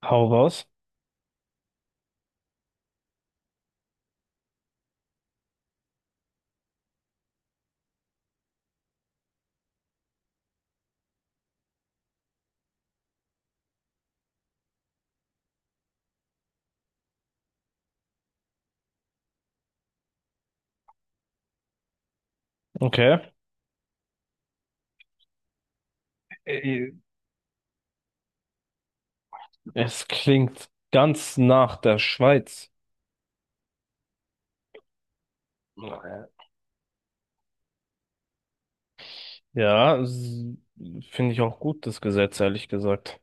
Hau raus. Okay. Äh, Es klingt ganz nach der Schweiz. Ja, s- finde ich auch gut, das Gesetz, ehrlich gesagt.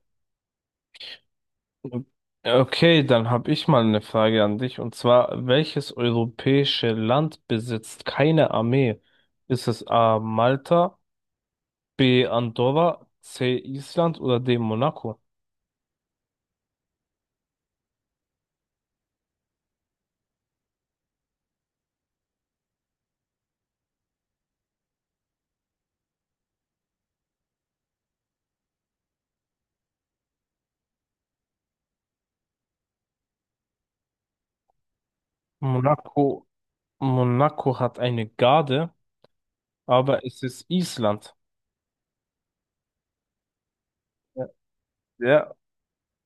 Okay, dann habe ich mal eine Frage an dich. Und zwar, welches europäische Land besitzt keine Armee? Ist es A. Malta, B. Andorra, C. Island oder D. Monaco? Monaco, Monaco hat eine Garde, aber es ist Island. Ja, ja,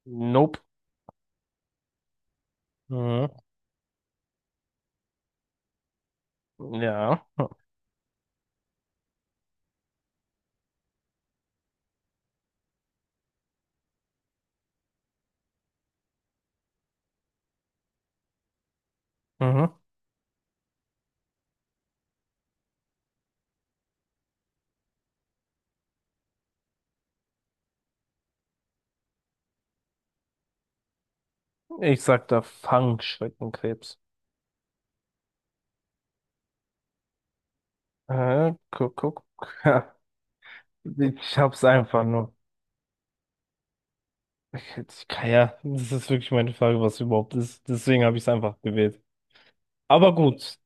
nope. Mhm. Ja. Mhm. Ich sag da Fangschreckenkrebs. Guck, guck. Ja. Ich hab's einfach nur. Ich kann ja, das ist wirklich meine Frage, was überhaupt ist. Deswegen habe ich es einfach gewählt. Aber gut.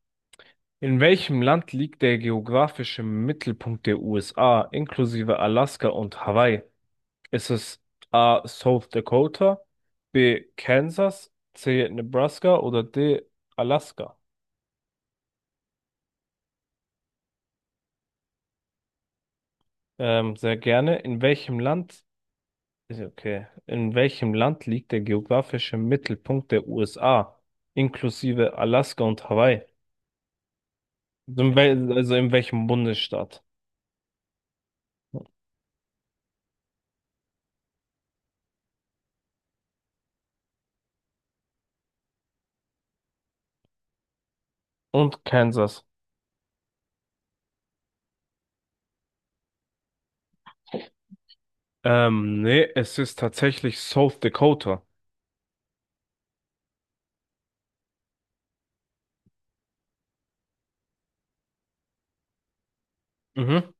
In welchem Land liegt der geografische Mittelpunkt der USA, inklusive Alaska und Hawaii? Ist es A. South Dakota, B. Kansas, C. Nebraska oder D. Alaska? Sehr gerne. In welchem Land okay. In welchem Land liegt der geografische Mittelpunkt der USA, inklusive Alaska und Hawaii? Also in, wel also in welchem Bundesstaat? Und Kansas. Nee, es ist tatsächlich South Dakota. Mhm.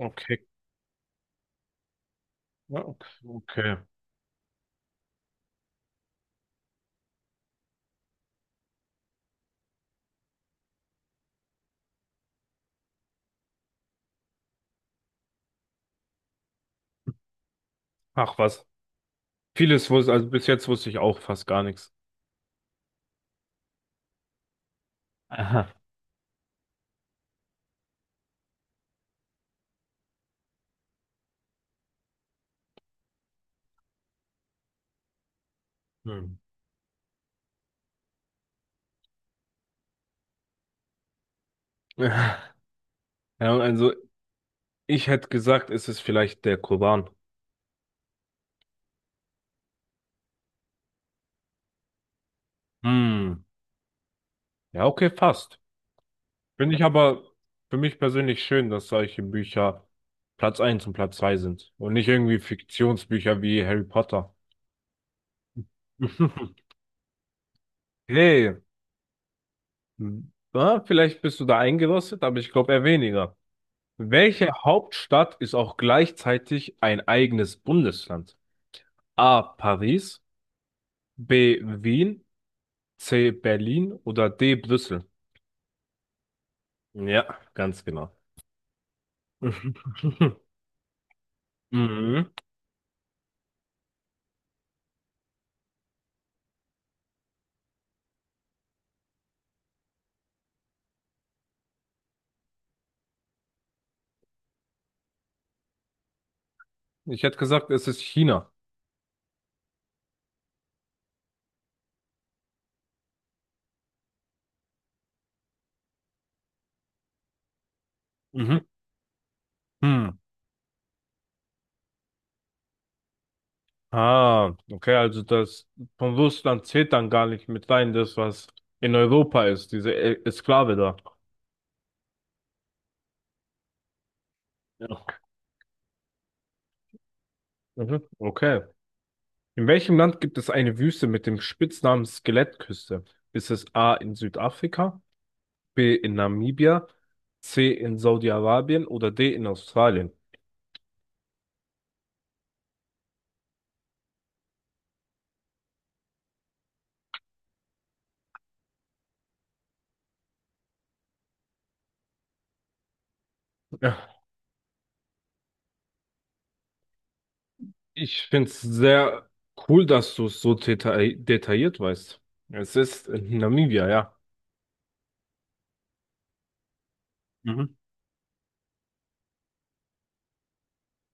Okay. Ja, ok- Okay. Ach was. Vieles wusste, also bis jetzt wusste ich auch fast gar nichts. Aha. Hm. Ja, also ich hätte gesagt, es ist vielleicht der Koran. Hm. Ja, okay, fast. Finde ich aber für mich persönlich schön, dass solche Bücher Platz eins und Platz 2 sind und nicht irgendwie Fiktionsbücher wie Harry Potter. Hey, na, vielleicht bist du da eingerostet, aber ich glaube eher weniger. Welche Hauptstadt ist auch gleichzeitig ein eigenes Bundesland? A. Paris, B. Wien, C. Berlin oder D. Brüssel? Ja, ganz genau. Mhm. Ich hätte gesagt, es ist China. Mhm. Hm. Ah, okay, also das von Russland zählt dann gar nicht mit rein, das, was in Europa ist, diese E- Exklave da. Ja. Mhm. Okay. In welchem Land gibt es eine Wüste mit dem Spitznamen Skelettküste? Ist es A in Südafrika, B in Namibia, C in Saudi-Arabien oder D in Australien? Ja, ich finde es sehr cool, dass du es so deta detailliert weißt. Es ist in Namibia, ja. Mhm.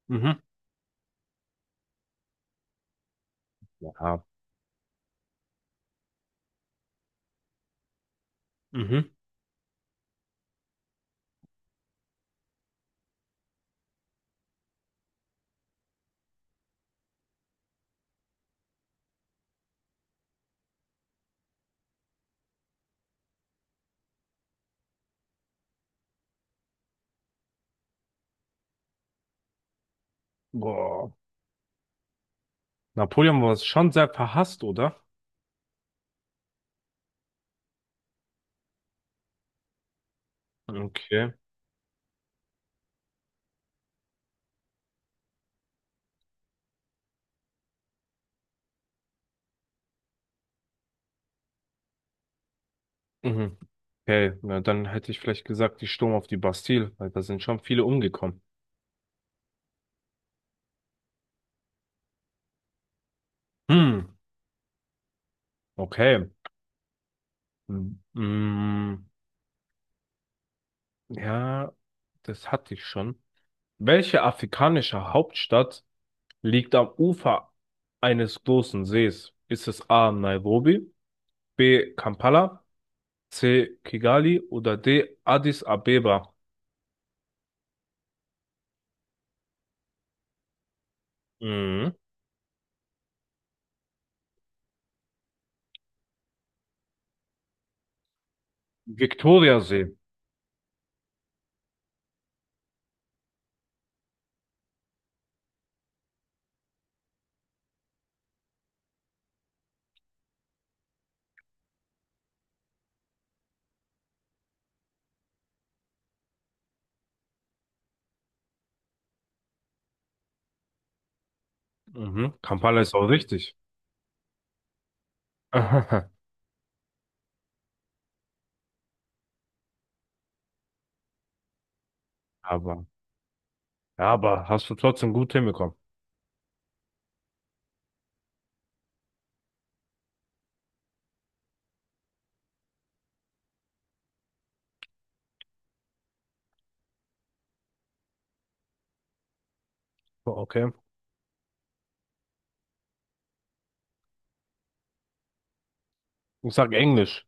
Mhm. Ja. Mhm. Boah. Napoleon war schon sehr verhasst, oder? Okay. Mhm. Okay, na dann hätte ich vielleicht gesagt, die Sturm auf die Bastille, weil da sind schon viele umgekommen. Hm, okay. Hm, mm, ja, das hatte ich schon. Welche afrikanische Hauptstadt liegt am Ufer eines großen Sees? Ist es A. Nairobi, B. Kampala, C. Kigali oder D. Addis Abeba? Mhm. Viktoriasee. Mhm. Kampala ist auch richtig. Aber, ja, aber hast du trotzdem gut hinbekommen. Okay. Ich sag Englisch.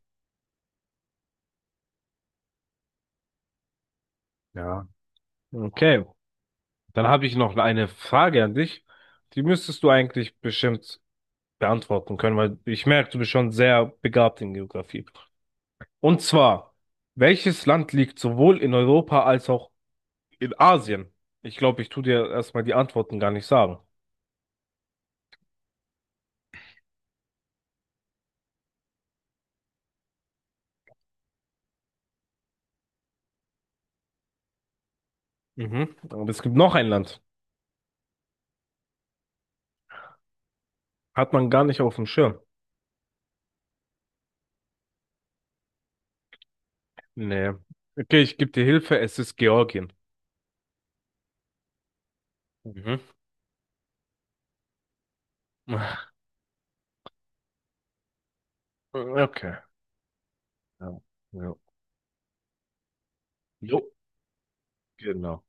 Ja. Okay. Dann habe ich noch eine Frage an dich. Die müsstest du eigentlich bestimmt beantworten können, weil ich merke, du bist schon sehr begabt in Geografie. Und zwar, welches Land liegt sowohl in Europa als auch in Asien? Ich glaube, ich tue dir erstmal die Antworten gar nicht sagen. Mhm. Und es gibt noch ein Land. Hat man gar nicht auf dem Schirm. Nee. Okay, ich gebe dir Hilfe. Es ist Georgien. Mhm. Ah, okay. Ja. Ja. Jo. Genau.